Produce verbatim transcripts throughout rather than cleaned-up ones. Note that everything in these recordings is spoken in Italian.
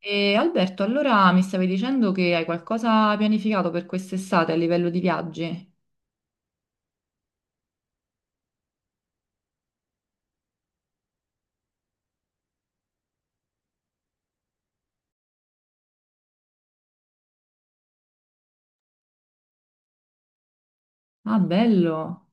E Alberto, allora mi stavi dicendo che hai qualcosa pianificato per quest'estate a livello di viaggi? Ah, bello!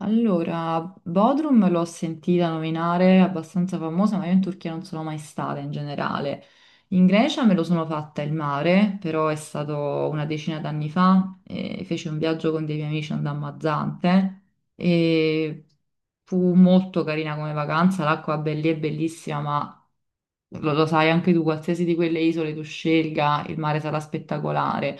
Allora, Bodrum l'ho sentita nominare, è abbastanza famosa, ma io in Turchia non sono mai stata in generale. In Grecia me lo sono fatta il mare, però è stato una decina d'anni fa, e feci un viaggio con dei miei amici andammo a Zante e fu molto carina come vacanza, l'acqua be- lì è bellissima, ma lo, lo sai anche tu, qualsiasi di quelle isole tu scelga, il mare sarà spettacolare.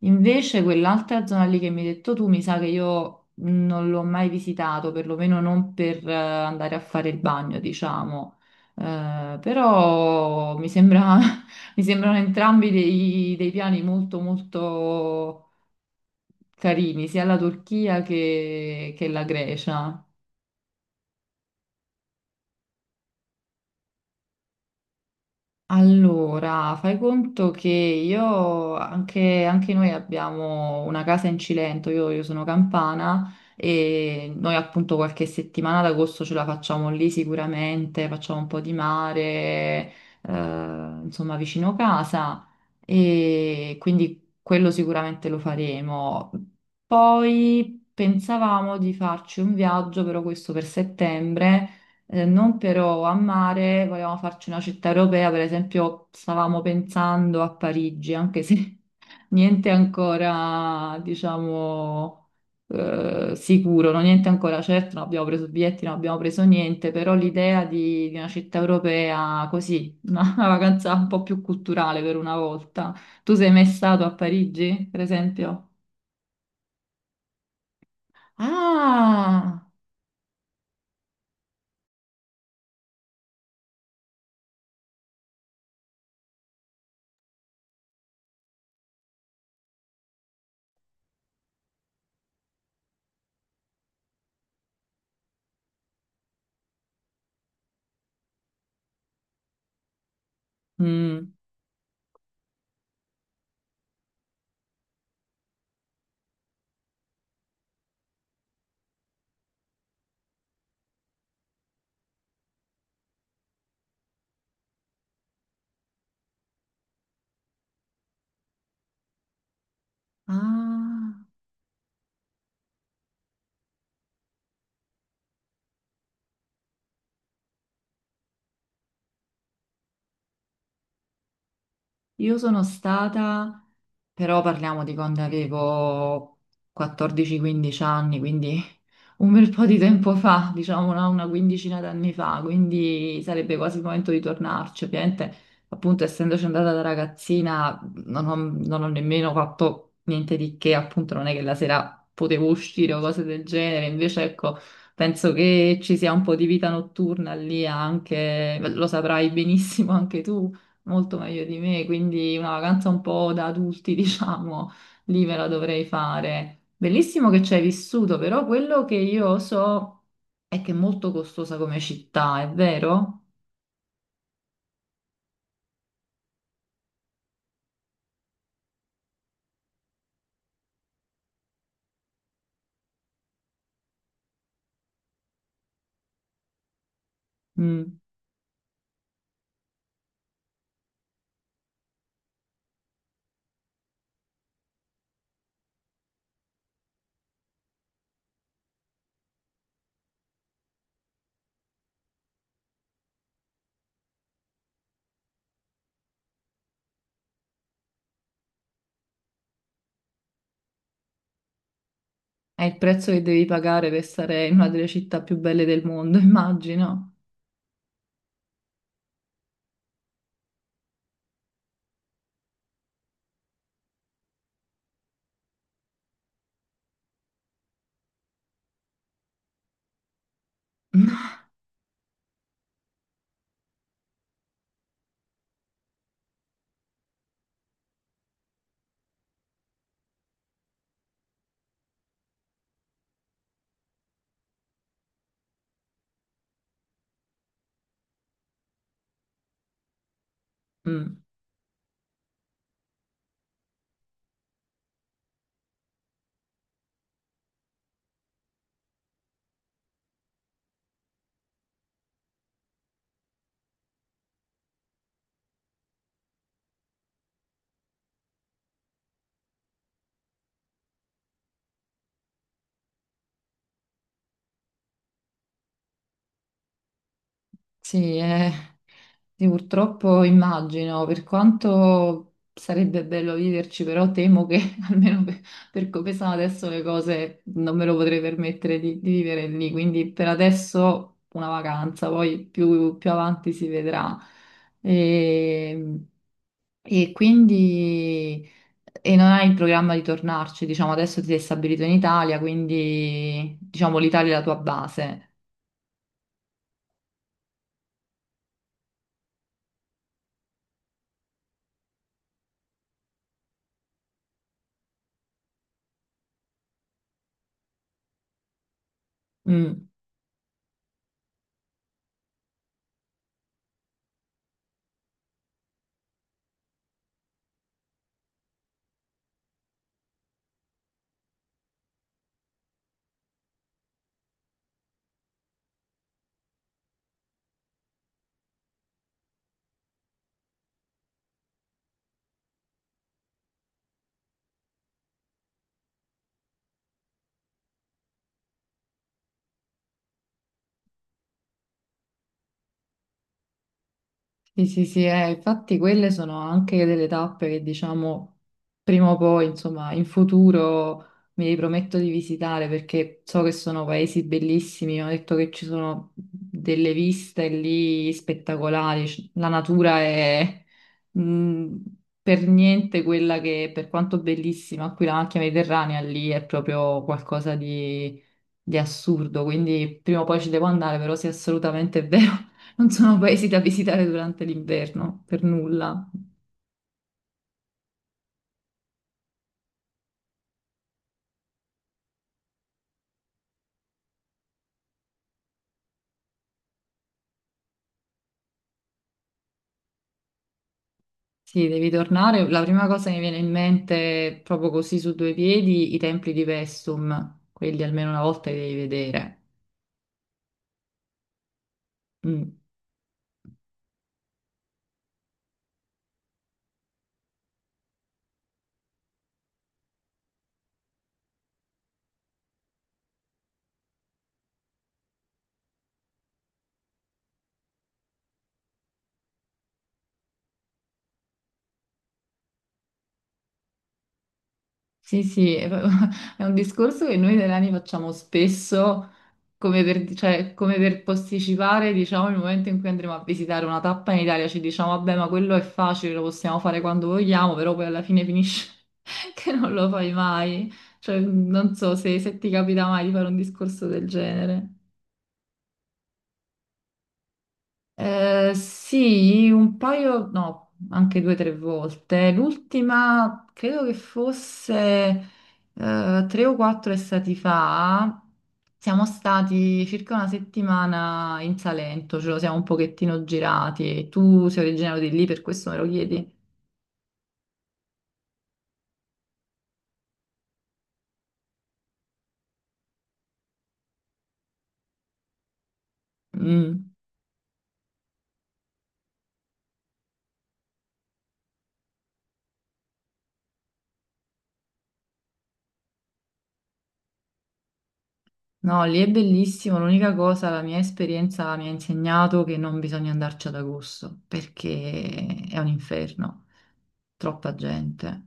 Invece quell'altra zona lì che mi hai detto tu, mi sa che io non l'ho mai visitato, perlomeno non per eh, andare a fare il bagno, diciamo. Eh, però mi sembra, mi sembrano entrambi dei, dei piani molto molto carini, sia la Turchia che che la Grecia. Allora, fai conto che io, anche, anche noi abbiamo una casa in Cilento, io, io sono campana e noi appunto qualche settimana ad agosto ce la facciamo lì sicuramente, facciamo un po' di mare, eh, insomma vicino casa e quindi quello sicuramente lo faremo. Poi pensavamo di farci un viaggio, però questo per settembre eh, non però a mare, volevamo farci una città europea, per esempio stavamo pensando a Parigi, anche se niente ancora, diciamo, eh, sicuro, no? Niente ancora certo, non abbiamo preso biglietti, non abbiamo preso niente, però l'idea di, di una città europea così, una, una vacanza un po' più culturale per una volta. Tu sei mai stato a Parigi, per esempio? Ah! Mm. Ah, io sono stata. Però parliamo di quando avevo quattordici quindici anni, quindi un bel po' di tempo fa, diciamo no? Una quindicina d'anni fa, quindi sarebbe quasi il momento di tornarci. Ovviamente, appunto, essendoci andata da ragazzina, non ho, non ho nemmeno fatto niente di che, appunto, non è che la sera potevo uscire o cose del genere. Invece, ecco, penso che ci sia un po' di vita notturna lì anche, lo saprai benissimo anche tu, molto meglio di me, quindi una vacanza un po' da adulti, diciamo. Lì ve la dovrei fare. Bellissimo che ci hai vissuto, però quello che io so è che è molto costosa come città, è vero? Mm. È il prezzo che devi pagare per stare in una delle città più belle del mondo, immagino. Mm. Sì, è. Sì, purtroppo immagino, per quanto sarebbe bello viverci, però temo che almeno per, per come sono adesso le cose non me lo potrei permettere di, di vivere lì, quindi per adesso una vacanza, poi più, più avanti si vedrà. E, e quindi e non hai il programma di tornarci, diciamo adesso ti sei stabilito in Italia, quindi diciamo l'Italia è la tua base. Mm. Sì, sì, sì, eh, infatti quelle sono anche delle tappe che diciamo prima o poi, insomma, in futuro mi riprometto di visitare perché so che sono paesi bellissimi, ho detto che ci sono delle viste lì spettacolari, c- la natura è mh, per niente quella che, per quanto bellissima, qui la macchia mediterranea lì è proprio qualcosa di assurdo, quindi prima o poi ci devo andare, però sì, assolutamente è vero, non sono paesi da visitare durante l'inverno, per nulla. Sì, devi tornare. La prima cosa che mi viene in mente, proprio così su due piedi, i templi di Vestum, quelli almeno una volta li devi vedere. Mm. Sì, sì, è proprio- è un discorso che noi italiani facciamo spesso come per, cioè, come per posticipare, diciamo, il momento in cui andremo a visitare una tappa in Italia, ci diciamo, vabbè, ma quello è facile, lo possiamo fare quando vogliamo, però poi alla fine finisce che non lo fai mai. Cioè, non so se, se ti capita mai di fare un discorso del genere. Eh, sì, un paio, no, anche due o tre volte. L'ultima credo che fosse eh, tre o quattro estati fa. Siamo stati circa una settimana in Salento, ce lo siamo un pochettino girati. Tu sei originario di lì, per questo me lo chiedi? Mm. No, lì è bellissimo. L'unica cosa, la mia esperienza mi ha insegnato che non bisogna andarci ad agosto perché è un inferno, troppa gente.